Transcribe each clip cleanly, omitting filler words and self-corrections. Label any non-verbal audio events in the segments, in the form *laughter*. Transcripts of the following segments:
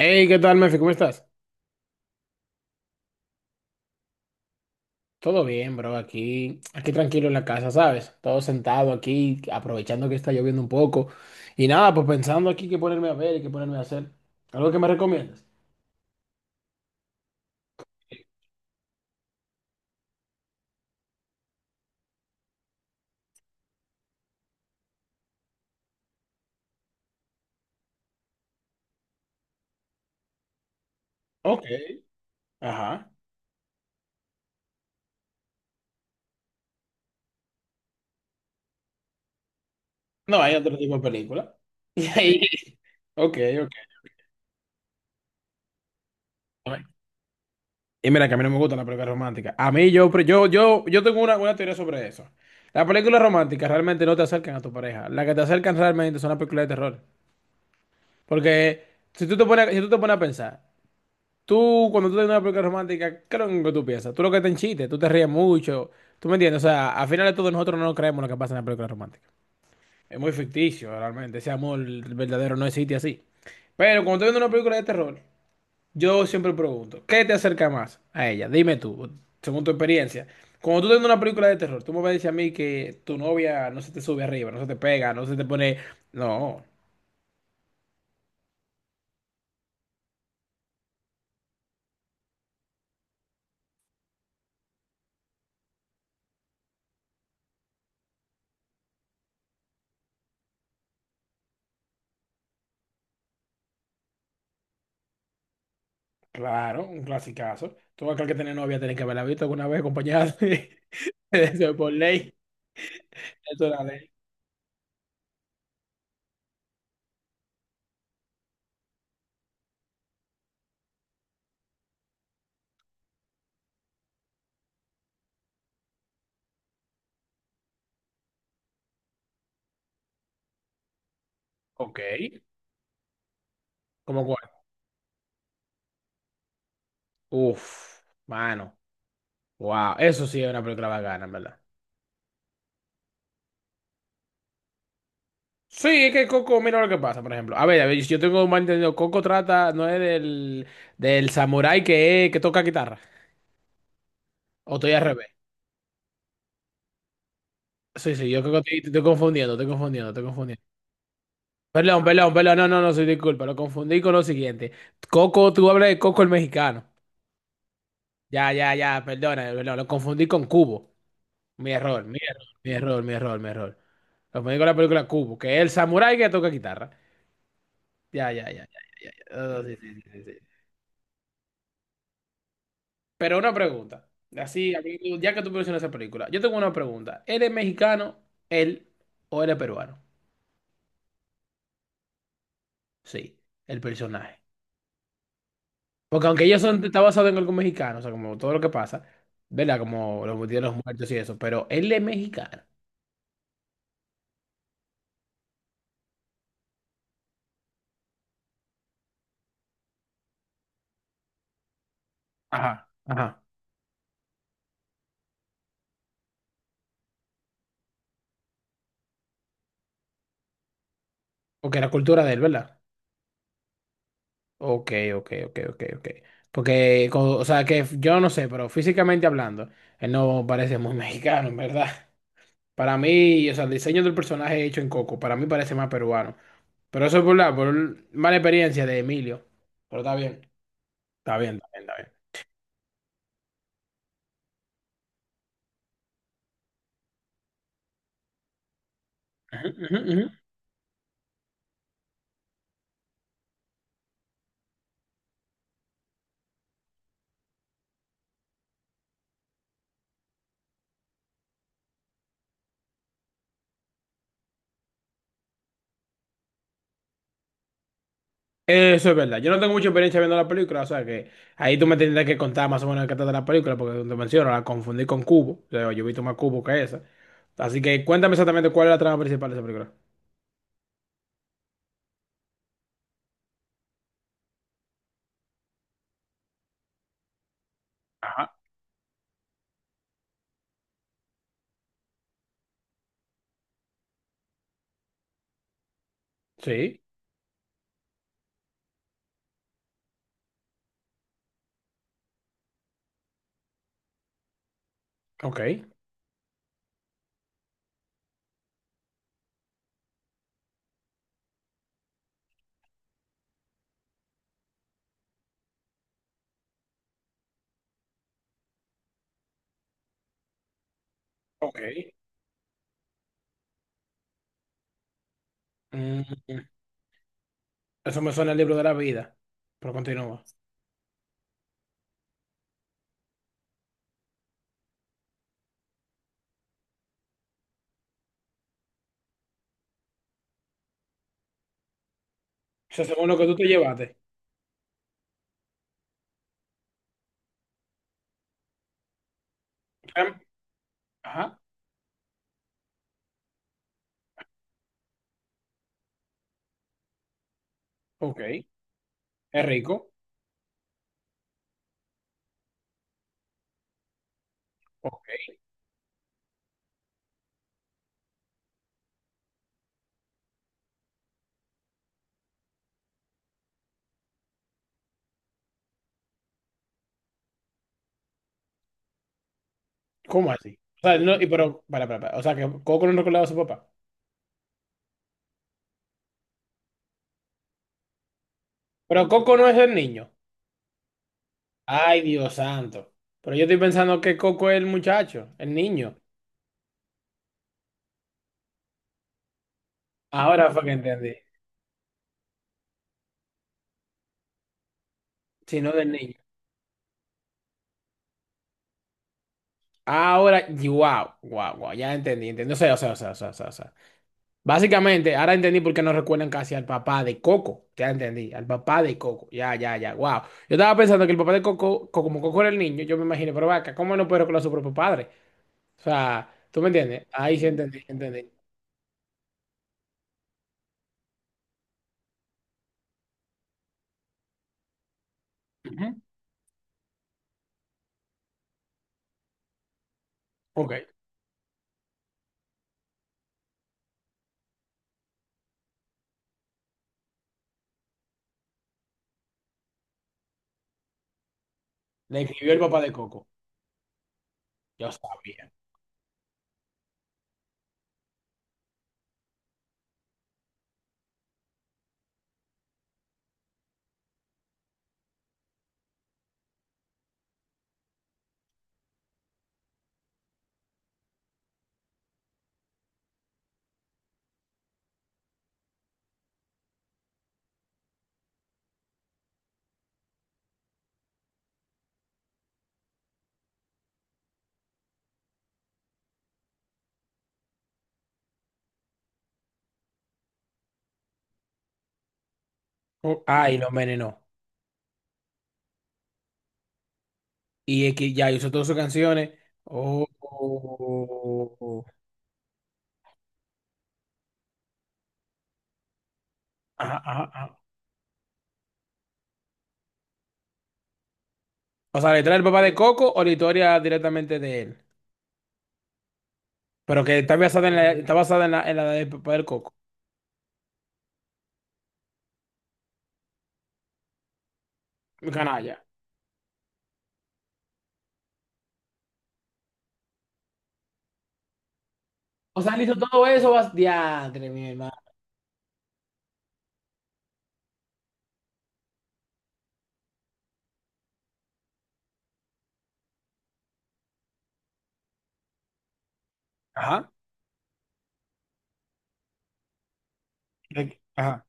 Hey, ¿qué tal, Mefi? ¿Cómo estás? Todo bien, bro. Aquí tranquilo en la casa, ¿sabes? Todo sentado aquí, aprovechando que está lloviendo un poco. Y nada, pues pensando aquí qué ponerme a ver y qué ponerme a hacer. ¿Algo que me recomiendas? Ok. Ajá. No, hay otro tipo de película. *laughs* Y ahí. Ok, ok. Ay. Y mira que a mí no me gustan las películas románticas. A mí yo, pre- yo tengo una teoría sobre eso. Las películas románticas realmente no te acercan a tu pareja. Las que te acercan realmente son las películas de terror. Porque si tú te pones a pensar. Tú, cuando tú tienes una película romántica, ¿qué es lo que tú piensas? Tú lo que te enchiste, tú te ríes mucho. ¿Tú me entiendes? O sea, al final de todo, nosotros no nos creemos lo que pasa en la película romántica. Es muy ficticio, realmente. Ese amor verdadero no existe así. Pero cuando estoy viendo una película de terror, yo siempre pregunto, ¿qué te acerca más a ella? Dime tú, según tu experiencia. Cuando tú estás viendo una película de terror, tú me vas a decir a mí que tu novia no se te sube arriba, no se te pega, no se te pone... No. Claro, un clasicazo. Todo aquel que tiene novia tiene que haberla visto alguna vez acompañada de, *laughs* de eso es por ley. Eso es la ley. Ok. ¿Cómo cuál? Uf, mano. Wow, eso sí es una película bacana, en verdad. Sí, es que Coco, mira lo que pasa, por ejemplo. A ver, si yo tengo un malentendido. Coco trata, no es del samurái que toca guitarra. O estoy al revés. Sí, sí, yo creo que estoy, te estoy confundiendo, estoy confundiendo, estoy confundiendo. Perdón, no, no, no, soy disculpa, lo confundí con lo siguiente. Coco, tú hablas de Coco el mexicano. Ya, ya, ya, perdona, no, lo confundí con Cubo. Mi error. Lo confundí con la película Cubo, que es el samurái que toca guitarra. Ya, ya, ya, ya, ya. Oh, sí, sí, sí, sí, sí. Pero una pregunta. Así, a mí, ya que tú mencionas esa película, yo tengo una pregunta. ¿Eres mexicano, él, o eres peruano? Sí, el personaje. Porque aunque ellos son, está basado en algo mexicano, o sea, como todo lo que pasa, ¿verdad? Como los días de los muertos y eso, pero él es mexicano. Ajá, ajá. Porque la cultura de él, ¿verdad? Ok. Porque, co- o sea, que yo no sé, pero físicamente hablando, él no parece muy *laughs* mexicano, en verdad. Para mí, o sea, el diseño del personaje hecho en Coco, para mí parece más peruano. Pero eso es por la por mala experiencia de Emilio. Pero está bien, está bien, está bien, está bien. Ujú, ujú, ujú. Eso es verdad. Yo no tengo mucha experiencia viendo la película, o sea que ahí tú me tendrás que contar más o menos de qué trata la película, porque como te menciono, la confundí con Cubo. O sea, yo he visto más Cubo que esa. Así que cuéntame exactamente cuál es la trama principal de esa película. Sí, ok, ok. Mm, eso me suena al libro de la vida, pero continúa. O sea, según lo que tú te llevaste. Em, Ajá, ok. Es rico, ok. ¿Cómo así? O sea, no, y pero, para. O sea, que Coco no recordaba a su papá. Pero Coco no es el niño. Ay, Dios santo. Pero yo estoy pensando que Coco es el muchacho, el niño. Ahora fue que entendí. Si no del niño. Ahora, wow, wow, wow, ya entendí, entendí. O sea. Básicamente, ahora entendí por qué no recuerdan casi al papá de Coco. Ya entendí, al papá de Coco. Ya, wow. Yo estaba pensando que el papá de Coco, co- como Coco era el niño, yo me imaginé, pero vaca, ¿cómo no puedo con a su propio padre? O sea, ¿tú me entiendes? Ahí sí entendí, entendí. Ujú. Ok, le escribió el papá de Coco. Yo sabía. Oh, ay, lo envenenó. Y es que ya hizo todas sus canciones. Oh, oh, oh, oh. Ajá, ajá, ajá. O sea, ¿le trae el papá de Coco o la historia directamente de él? Pero que está está basada en la de Papá del Coco. Mi canalla. O sea, él hizo todo eso, vas... diantre, mi hermano. Ajá. Ajá.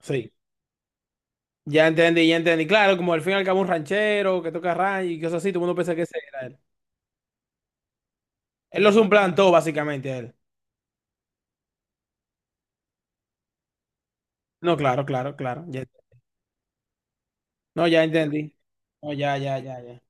Sí. Ya entendí, ya entendí. Claro, como al fin y al cabo un ranchero que toca ranch y cosas así, todo el mundo piensa que ese era él. Él los suplantó, básicamente, a él. No, claro. Ya- no, ya entendí. No, ya.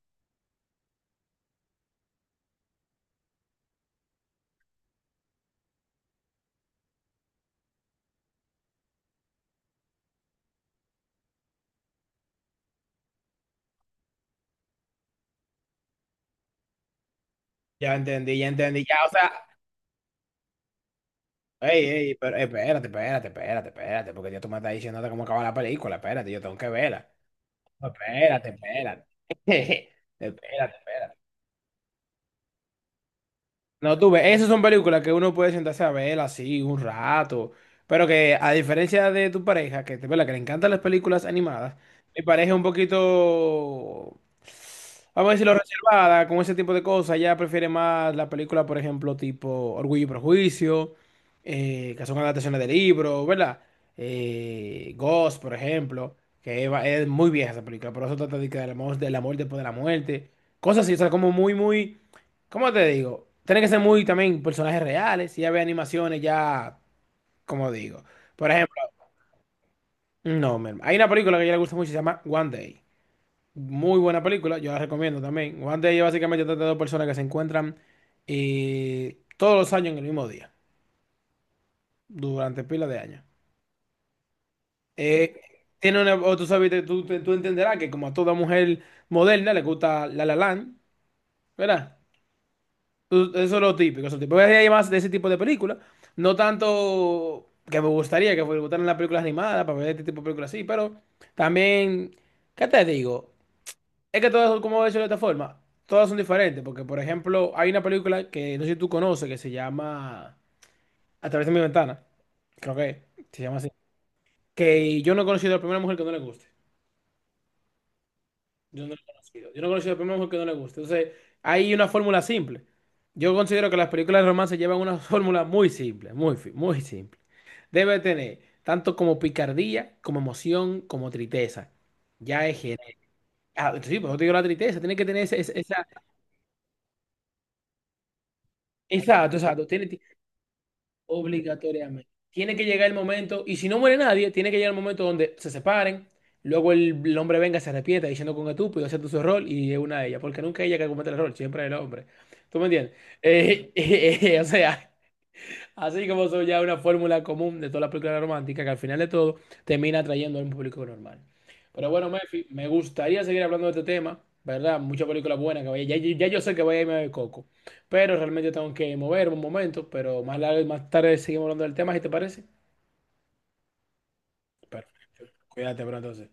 Ya entendí, ya entendí. Ya, o sea. Ey, ey, pero espérate, porque ya tú me estás diciendo cómo acaba la película, espérate, yo tengo que verla. No, espérate, espérate. *laughs* Espérate, espérate. No, tú ves, esas son películas que uno puede sentarse a ver así un rato, pero que a diferencia de tu pareja, que te verdad que le encantan las películas animadas, mi pareja es un poquito, vamos a decirlo, reservada con ese tipo de cosas, ella prefiere más la película, por ejemplo, tipo Orgullo y Prejuicio, que son adaptaciones de libros, ¿verdad? Ghost, por ejemplo, que va- es muy vieja esa película, pero eso trata de que del amor después de la muerte, cosas así, o sea, como muy, muy... ¿Cómo te digo? Tiene que ser muy también personajes reales. Si ya ve animaciones, ya, como digo. Por ejemplo, no, mi hermano. Hay una película que a ella le gusta mucho, se llama One Day. Muy buena película, yo la recomiendo también. One Day es básicamente trata de dos personas que se encuentran todos los años en el mismo día, durante pila de años. Eh, Tiene una, o tú sabes, tú entenderás que como a toda mujer moderna le gusta La La Land, ¿verdad? Tú- Eso es lo típico, eso es lo típico. Hay más de ese tipo de películas. No tanto que me gustaría que me gustaran las películas animadas para ver este tipo de películas así, pero también, ¿qué te digo? Es que todas, son, como he dicho de esta forma, todas son diferentes. Porque, por ejemplo, hay una película que no sé si tú conoces que se llama A través de mi ventana. Creo que se llama así. Que yo no he conocido a la primera mujer que no le guste. Yo no lo he conocido. Yo no he conocido a Batman porque no le gusta. Entonces, hay una fórmula simple. Yo considero que las películas de romance llevan una *laughs* fórmula muy simple, muy simple. Debe tener tanto como picardía, como emoción, como tristeza. Ya es genérico. Ah, sí, pero yo te digo la tristeza. Tiene que tener esa... Exacto, exacto. Tiene, obligatoriamente. Tiene que llegar el momento, y si no muere nadie, tiene que llegar el momento donde se separen, luego el hombre venga, y se arrepienta diciendo que un estúpido acepta su error y es una de ellas, porque nunca es ella que comete el error, siempre es el hombre. ¿Tú me entiendes? *laughs* O sea, así como son ya una fórmula común de todas las películas románticas que al final de todo termina atrayendo a un público normal. Pero bueno, Mefi, me gustaría seguir hablando de este tema, ¿verdad? Muchas películas buenas que vaya. Ya, ya yo sé que voy a irme a ver Coco, pero realmente tengo que moverme un momento, pero más tarde seguimos hablando del tema, si te parece. Perfecto. Cuídate, pero entonces.